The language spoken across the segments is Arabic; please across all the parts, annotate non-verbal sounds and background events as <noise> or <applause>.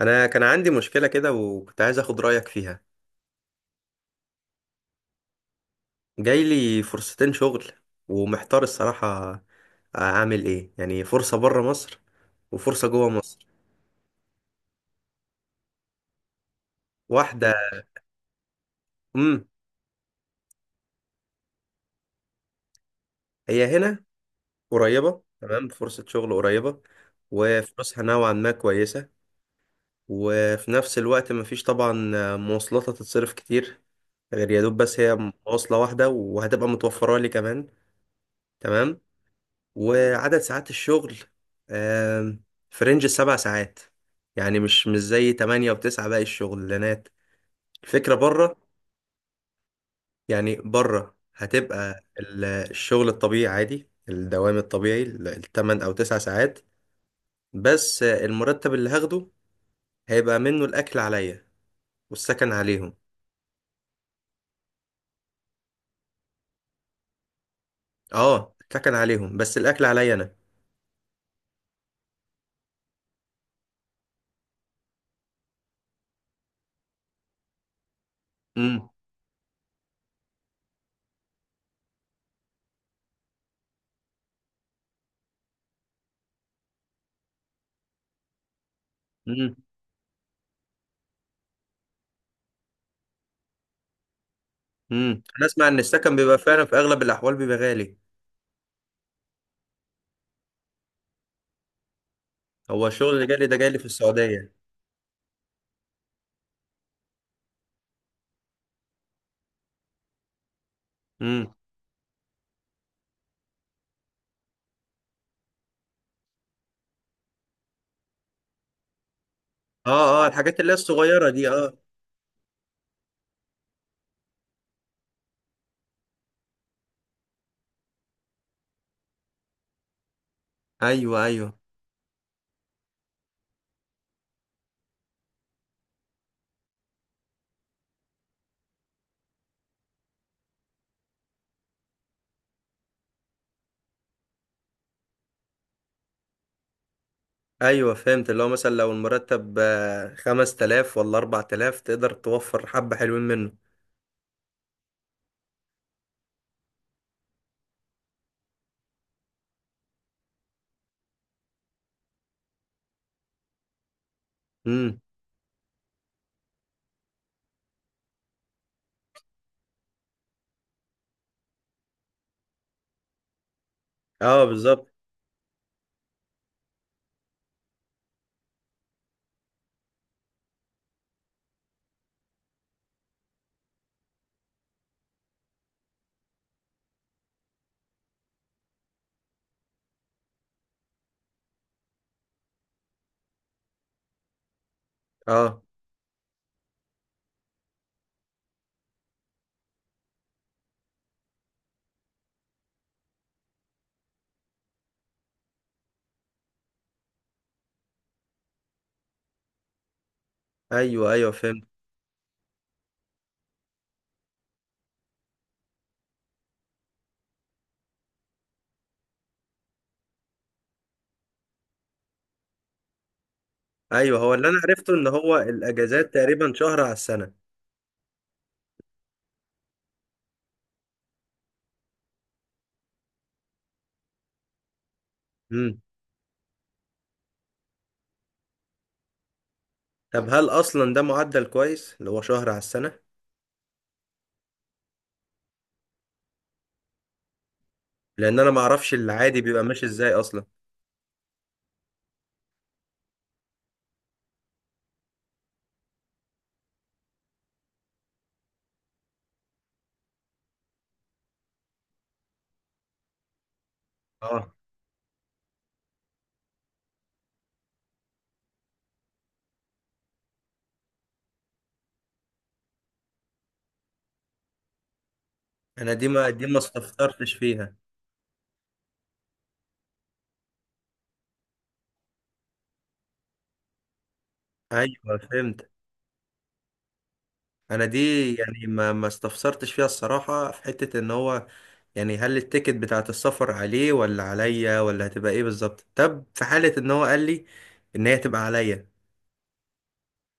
انا كان عندي مشكله كده وكنت عايز اخد رايك فيها. جاي لي فرصتين شغل، ومحتار الصراحه. اعمل ايه؟ يعني فرصه بره مصر وفرصه جوه مصر. واحده، امم هي هنا قريبه. تمام، فرصه شغل قريبه وفلوسها نوعا ما كويسه. وفي نفس الوقت مفيش طبعا مواصلات هتتصرف كتير، غير يا دوب بس هي مواصله واحده وهتبقى متوفره لي كمان. تمام. وعدد ساعات الشغل، آم، في رينج السبع ساعات، يعني مش زي تمانية وتسعة باقي الشغلانات. الفكرة بره، يعني بره هتبقى الشغل الطبيعي، عادي، الدوام الطبيعي التمن أو تسع ساعات. بس المرتب اللي هاخده هيبقى منه الأكل عليا، والسكن عليهم. اه، السكن عليهم بس الأكل عليا أنا. امم امم أنا أسمع إن السكن بيبقى فعلا في أغلب الأحوال بيبقى غالي. هو الشغل اللي جالي ده جالي في السعودية. اه، اه الحاجات اللي هي الصغيرة دي، اه. ايوه، ايوه، ايوه فهمت. اللي هو مثلا لو المرتب 5000 ولا 4000، تقدر توفر حبة حلوين منه. امم، اه بالظبط، اه، ايوه ايوه فهمت. ايوه، هو اللي انا عرفته ان هو الاجازات تقريبا شهر على السنة. امم. طب هل اصلا ده معدل كويس اللي هو شهر على السنة؟ لان انا ما اعرفش العادي بيبقى ماشي ازاي اصلا. اه. انا دي ما استفسرتش فيها. ايوه فهمت. انا دي يعني ما استفسرتش فيها الصراحه، في حته ان هو يعني هل التيكت بتاعه السفر عليه ولا عليا ولا هتبقى ايه بالظبط؟ طب في حاله ان هو قال لي ان هي تبقى عليا،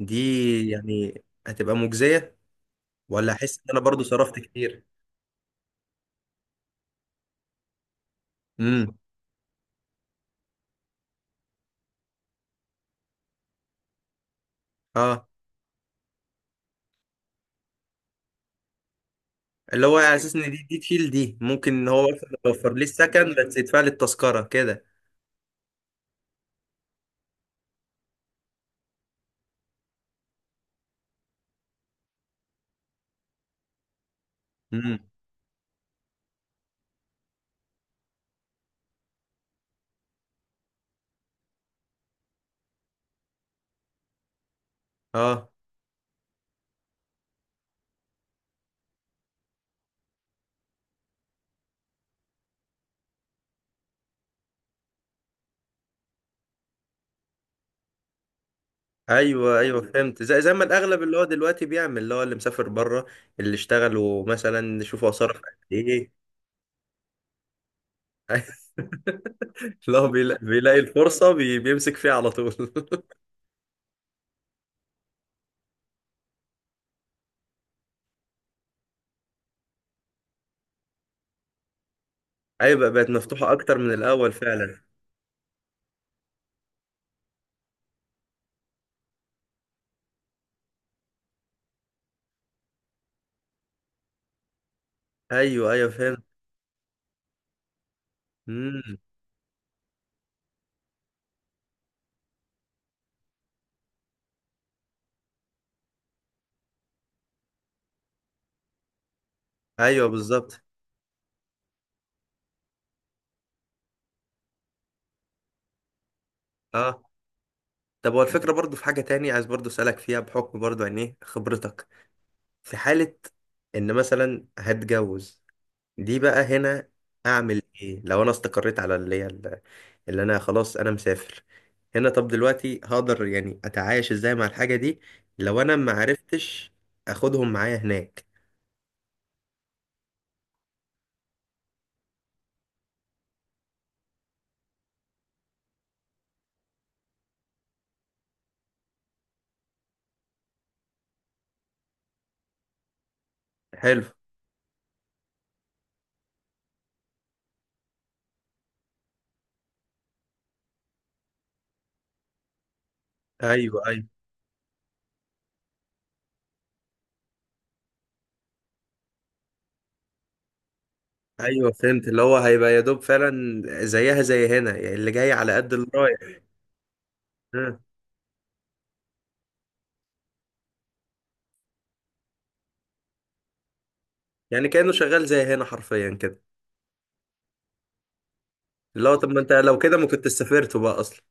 دي يعني هتبقى مجزيه، ولا احس ان انا برضو صرفت كتير؟ امم، اه. اللي هو على اساس ان دي تشيل، دي ممكن ان هو مثلا يوفر لي السكن بس يدفع لي التذكره كده. امم، اه، ايوه ايوه فهمت. زي ما الاغلب اللي هو دلوقتي بيعمل، اللي هو اللي مسافر بره. اللي اشتغلوا مثلا يشوفوا صرف قد ايه. <laughs> لا، هو بيلاقي الفرصه بيمسك فيها على طول. <laughs> ايوه، بقى بقت مفتوحه اكتر من الاول فعلا. ايوه ايوه فهمت. امم. ايوه بالظبط، اه. طب هو الفكره برضو، في حاجه تاني عايز برضو اسالك فيها بحكم برضو عن ايه خبرتك. في حاله ان مثلا هتجوز، دي بقى هنا، اعمل ايه لو انا استقريت على اللي هي اللي انا خلاص انا مسافر هنا؟ طب دلوقتي هقدر يعني اتعايش ازاي مع الحاجة دي لو انا ما عرفتش اخدهم معايا هناك؟ حلو. ايوه، ايوه، ايوه فهمت. اللي هو هيبقى يا دوب فعلا زيها زي هنا، يعني اللي جاي على قد اللي رايح. آه. يعني كأنه شغال زي هنا حرفيا كده. اللي هو طب ما انت لو كده ما كنت سافرت بقى اصلا.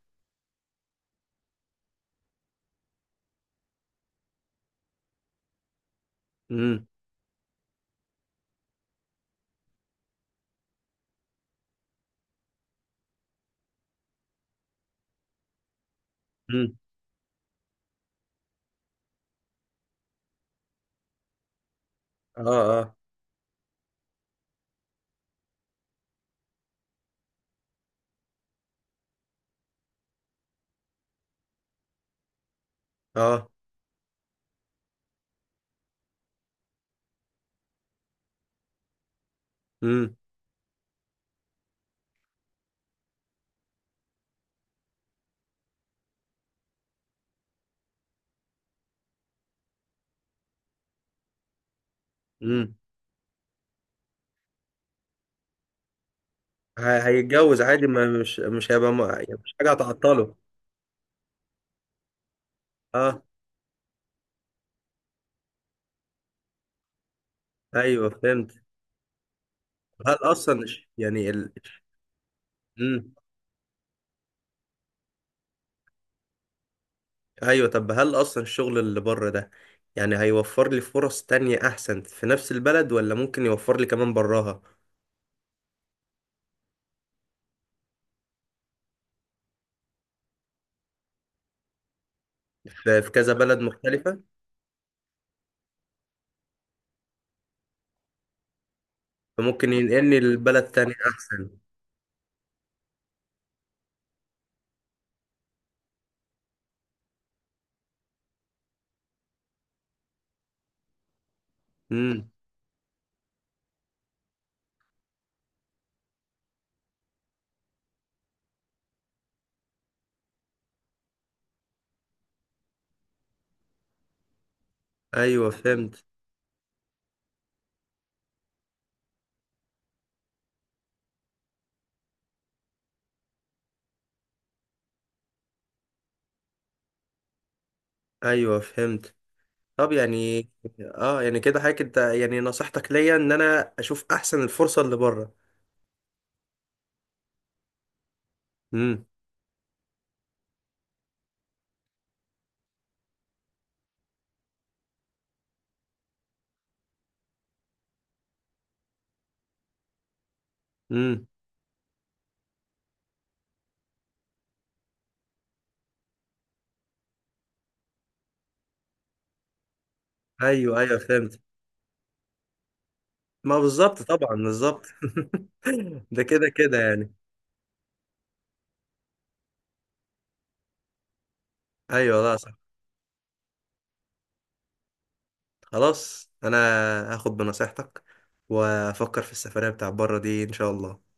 امم. امم. اه. اه. اه. امم. امم. هيتجوز عادي، ما مش هيبقى يعني مش حاجة هتعطله. اه، ايوه فهمت. هل اصلا يعني ال... مم. ايوه، طب هل اصلا الشغل اللي بره ده يعني هيوفر لي فرص تانية احسن في نفس البلد، ولا ممكن يوفر لي كمان براها؟ في كذا بلد مختلفة، فممكن ينقلني لبلد تانية احسن. امم. ايوه فهمت. ايوه فهمت. طب يعني، اه يعني كده حضرتك انت يعني نصيحتك ليا ان انا اشوف احسن الفرصة اللي بره. امم. ايوه ايوه فهمت. ما بالظبط، طبعا بالظبط. <laughs> ده كده كده يعني. ايوه، لا صح. خلاص، انا هاخد بنصيحتك، وافكر في السفرية بتاع بره دي ان شاء الله.